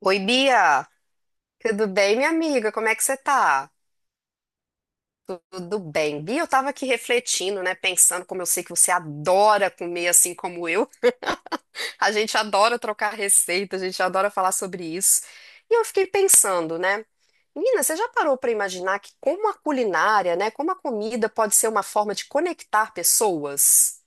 Oi, Bia, tudo bem, minha amiga? Como é que você tá? Tudo bem. Bia, eu tava aqui refletindo, né, pensando como eu sei que você adora comer assim como eu. A gente adora trocar receita, a gente adora falar sobre isso. E eu fiquei pensando, né? Menina, você já parou pra imaginar que como a culinária, né, como a comida pode ser uma forma de conectar pessoas?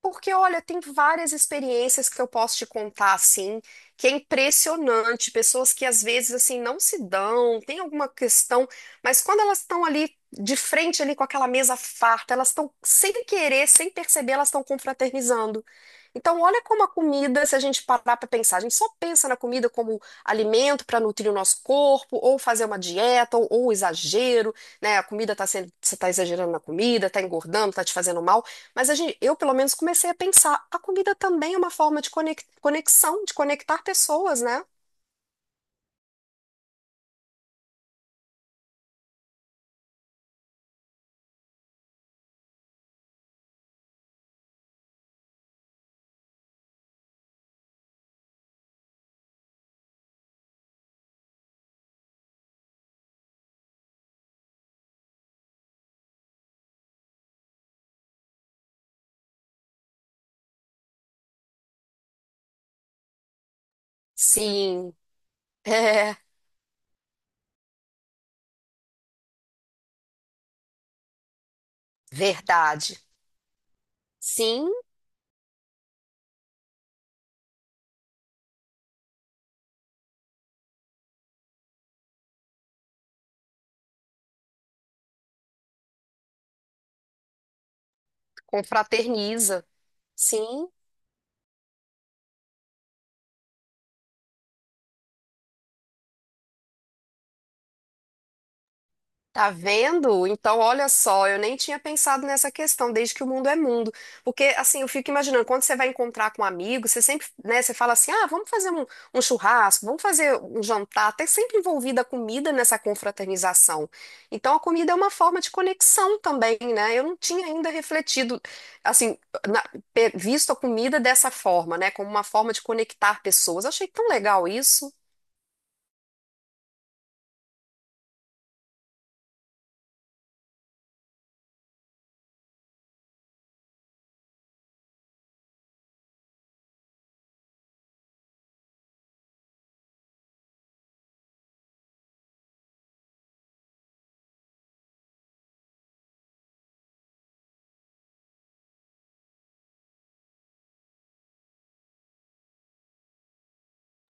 Porque, olha, tem várias experiências que eu posso te contar, assim, que é impressionante. Pessoas que às vezes, assim, não se dão, tem alguma questão, mas quando elas estão ali de frente, ali com aquela mesa farta, elas estão, sem querer, sem perceber, elas estão confraternizando. Então, olha como a comida, se a gente parar para pensar, a gente só pensa na comida como alimento para nutrir o nosso corpo, ou fazer uma dieta, ou exagero, né? A comida tá sendo, você está exagerando na comida, está engordando, está te fazendo mal. Mas a gente, eu, pelo menos, comecei a pensar, a comida também é uma forma de conexão, de conectar pessoas, né? Sim, é verdade. Sim, confraterniza. Sim, tá vendo? Então, olha só, eu nem tinha pensado nessa questão, desde que o mundo é mundo. Porque, assim, eu fico imaginando, quando você vai encontrar com um amigo, você sempre, né, você fala assim, ah, um churrasco, vamos fazer um jantar, até sempre envolvida a comida nessa confraternização. Então, a comida é uma forma de conexão também, né? Eu não tinha ainda refletido, assim, na- visto a comida dessa forma, né, como uma forma de conectar pessoas. Achei tão legal isso.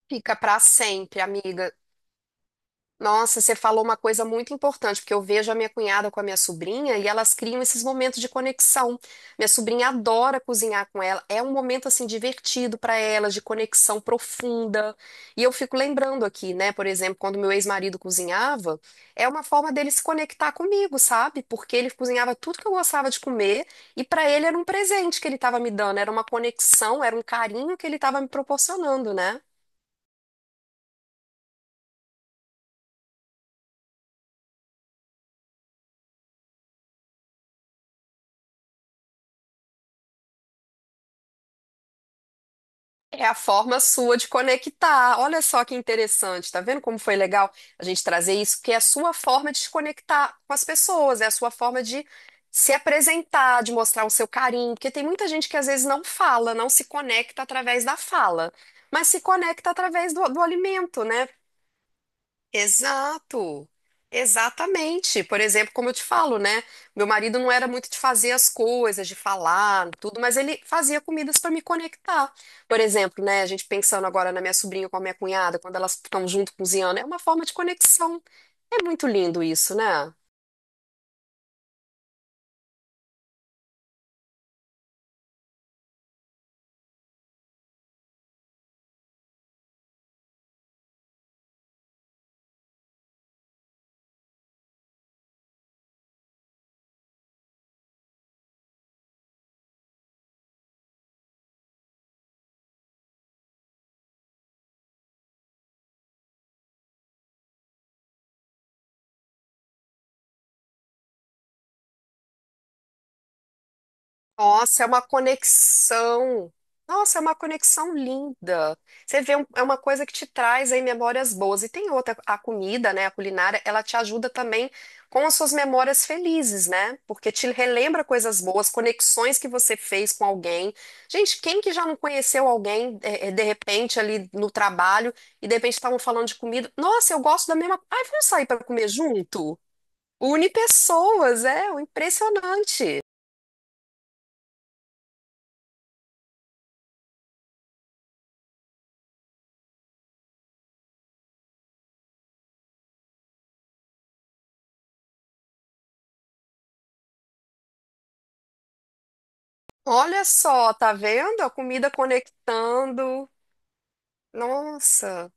Fica pra sempre, amiga. Nossa, você falou uma coisa muito importante, porque eu vejo a minha cunhada com a minha sobrinha e elas criam esses momentos de conexão. Minha sobrinha adora cozinhar com ela, é um momento assim divertido para elas, de conexão profunda. E eu fico lembrando aqui, né, por exemplo, quando meu ex-marido cozinhava, é uma forma dele se conectar comigo, sabe? Porque ele cozinhava tudo que eu gostava de comer e para ele era um presente que ele estava me dando, era uma conexão, era um carinho que ele estava me proporcionando, né? É a forma sua de conectar. Olha só que interessante, tá vendo como foi legal a gente trazer isso, que é a sua forma de se conectar com as pessoas, é a sua forma de se apresentar, de mostrar o seu carinho, porque tem muita gente que às vezes não fala, não se conecta através da fala, mas se conecta através do alimento, né? Exato, exatamente. Por exemplo, como eu te falo, né? Meu marido não era muito de fazer as coisas, de falar, tudo, mas ele fazia comidas para me conectar. Por exemplo, né? A gente pensando agora na minha sobrinha com a minha cunhada, quando elas estão junto cozinhando, é uma forma de conexão. É muito lindo isso, né? Nossa, é uma conexão. Nossa, é uma conexão linda. Você vê, é uma coisa que te traz aí memórias boas. E tem outra, a comida, né, a culinária, ela te ajuda também com as suas memórias felizes, né? Porque te relembra coisas boas, conexões que você fez com alguém. Gente, quem que já não conheceu alguém, de repente, ali no trabalho, e de repente estavam falando de comida? Nossa, eu gosto da mesma. Ai, vamos sair para comer junto? Une pessoas, é, impressionante. Olha só, tá vendo? A comida conectando. Nossa,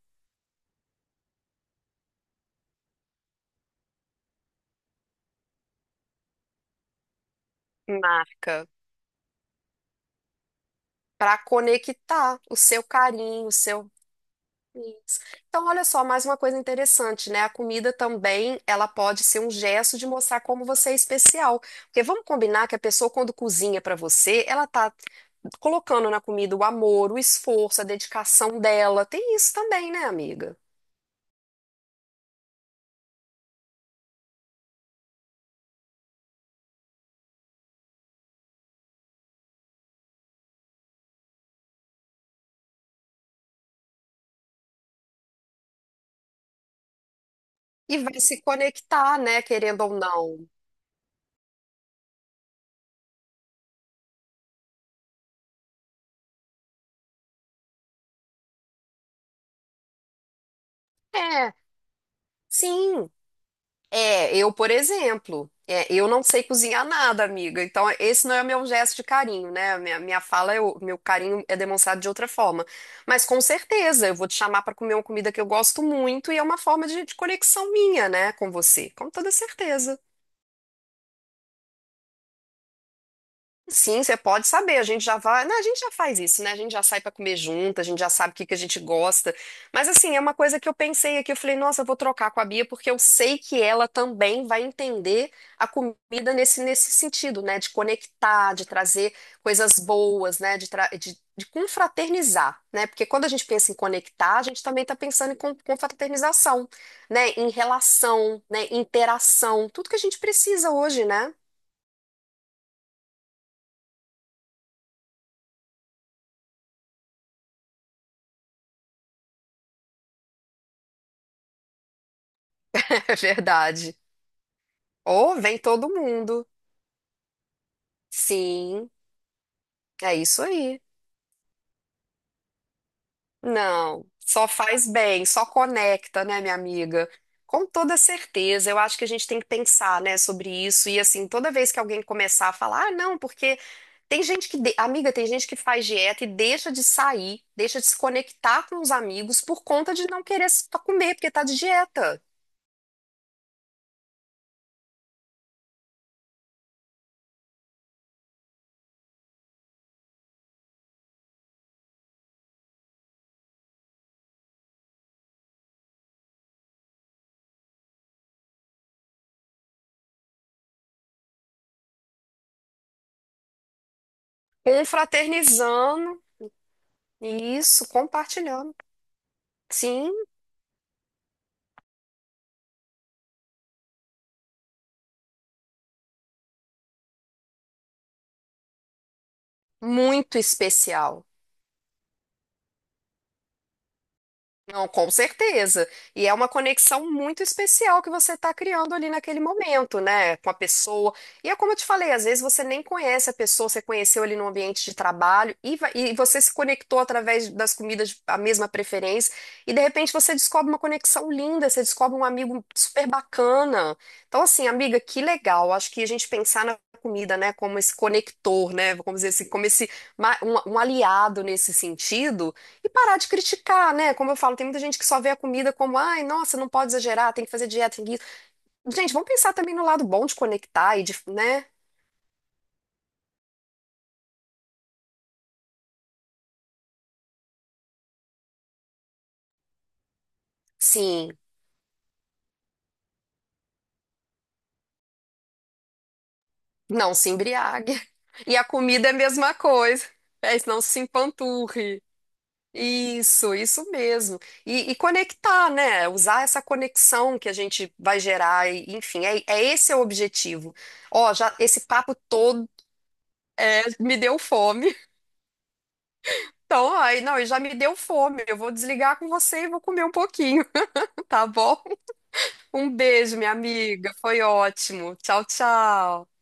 marca. Para conectar o seu carinho, o seu. Isso. Então, olha só, mais uma coisa interessante, né? A comida também, ela pode ser um gesto de mostrar como você é especial. Porque vamos combinar que a pessoa, quando cozinha para você, ela tá colocando na comida o amor, o esforço, a dedicação dela. Tem isso também, né, amiga? E vai se conectar, né, querendo ou não. É, sim. É, eu, por exemplo, é, eu não sei cozinhar nada, amiga. Então, esse não é o meu gesto de carinho, né? A Minha fala, é o meu carinho é demonstrado de outra forma. Mas com certeza, eu vou te chamar para comer uma comida que eu gosto muito e é uma forma de conexão minha, né, com você. Com toda certeza. Sim, você pode saber, a gente já vai, né, a gente já faz isso, né? A gente já sai para comer junto, a gente já sabe o que que a gente gosta. Mas assim, é uma coisa que eu pensei aqui, eu falei, nossa, eu vou trocar com a Bia porque eu sei que ela também vai entender a comida nesse sentido, né, de conectar, de trazer coisas boas, né, de confraternizar, né? Porque quando a gente pensa em conectar, a gente também está pensando em confraternização, né, em relação, né, interação, tudo que a gente precisa hoje, né? É verdade. Ou vem todo mundo. Sim, é isso aí. Não, só faz bem, só conecta, né, minha amiga? Com toda certeza, eu acho que a gente tem que pensar, né, sobre isso. E assim, toda vez que alguém começar a falar, ah, não, porque tem gente que, amiga, tem gente que faz dieta e deixa de sair, deixa de se conectar com os amigos por conta de não querer comer, porque tá de dieta. Confraternizando, isso, compartilhando. Sim, muito especial. Não, com certeza. E é uma conexão muito especial que você está criando ali naquele momento, né? Com a pessoa. E é como eu te falei, às vezes você nem conhece a pessoa, você conheceu ali no ambiente de trabalho e, e você se conectou através das comidas, a mesma preferência. E de repente você descobre uma conexão linda, você descobre um amigo super bacana. Então, assim, amiga, que legal. Acho que a gente pensar na comida, né, como esse conector, né? Vamos dizer assim, como esse, um aliado nesse sentido. E parar de criticar, né? Como eu falo, tem muita gente que só vê a comida como, ai, nossa, não pode exagerar, tem que fazer dieta, tem que... isso." Gente, vamos pensar também no lado bom de conectar e de, né? Sim, não se embriague. E a comida é a mesma coisa. É, não se empanturre. Isso mesmo. E conectar, né? Usar essa conexão que a gente vai gerar, e, enfim, é esse é o objetivo. Ó, já esse papo todo me deu fome. Então, aí, não, e já me deu fome. Eu vou desligar com você e vou comer um pouquinho, tá bom? Um beijo, minha amiga. Foi ótimo. Tchau, tchau.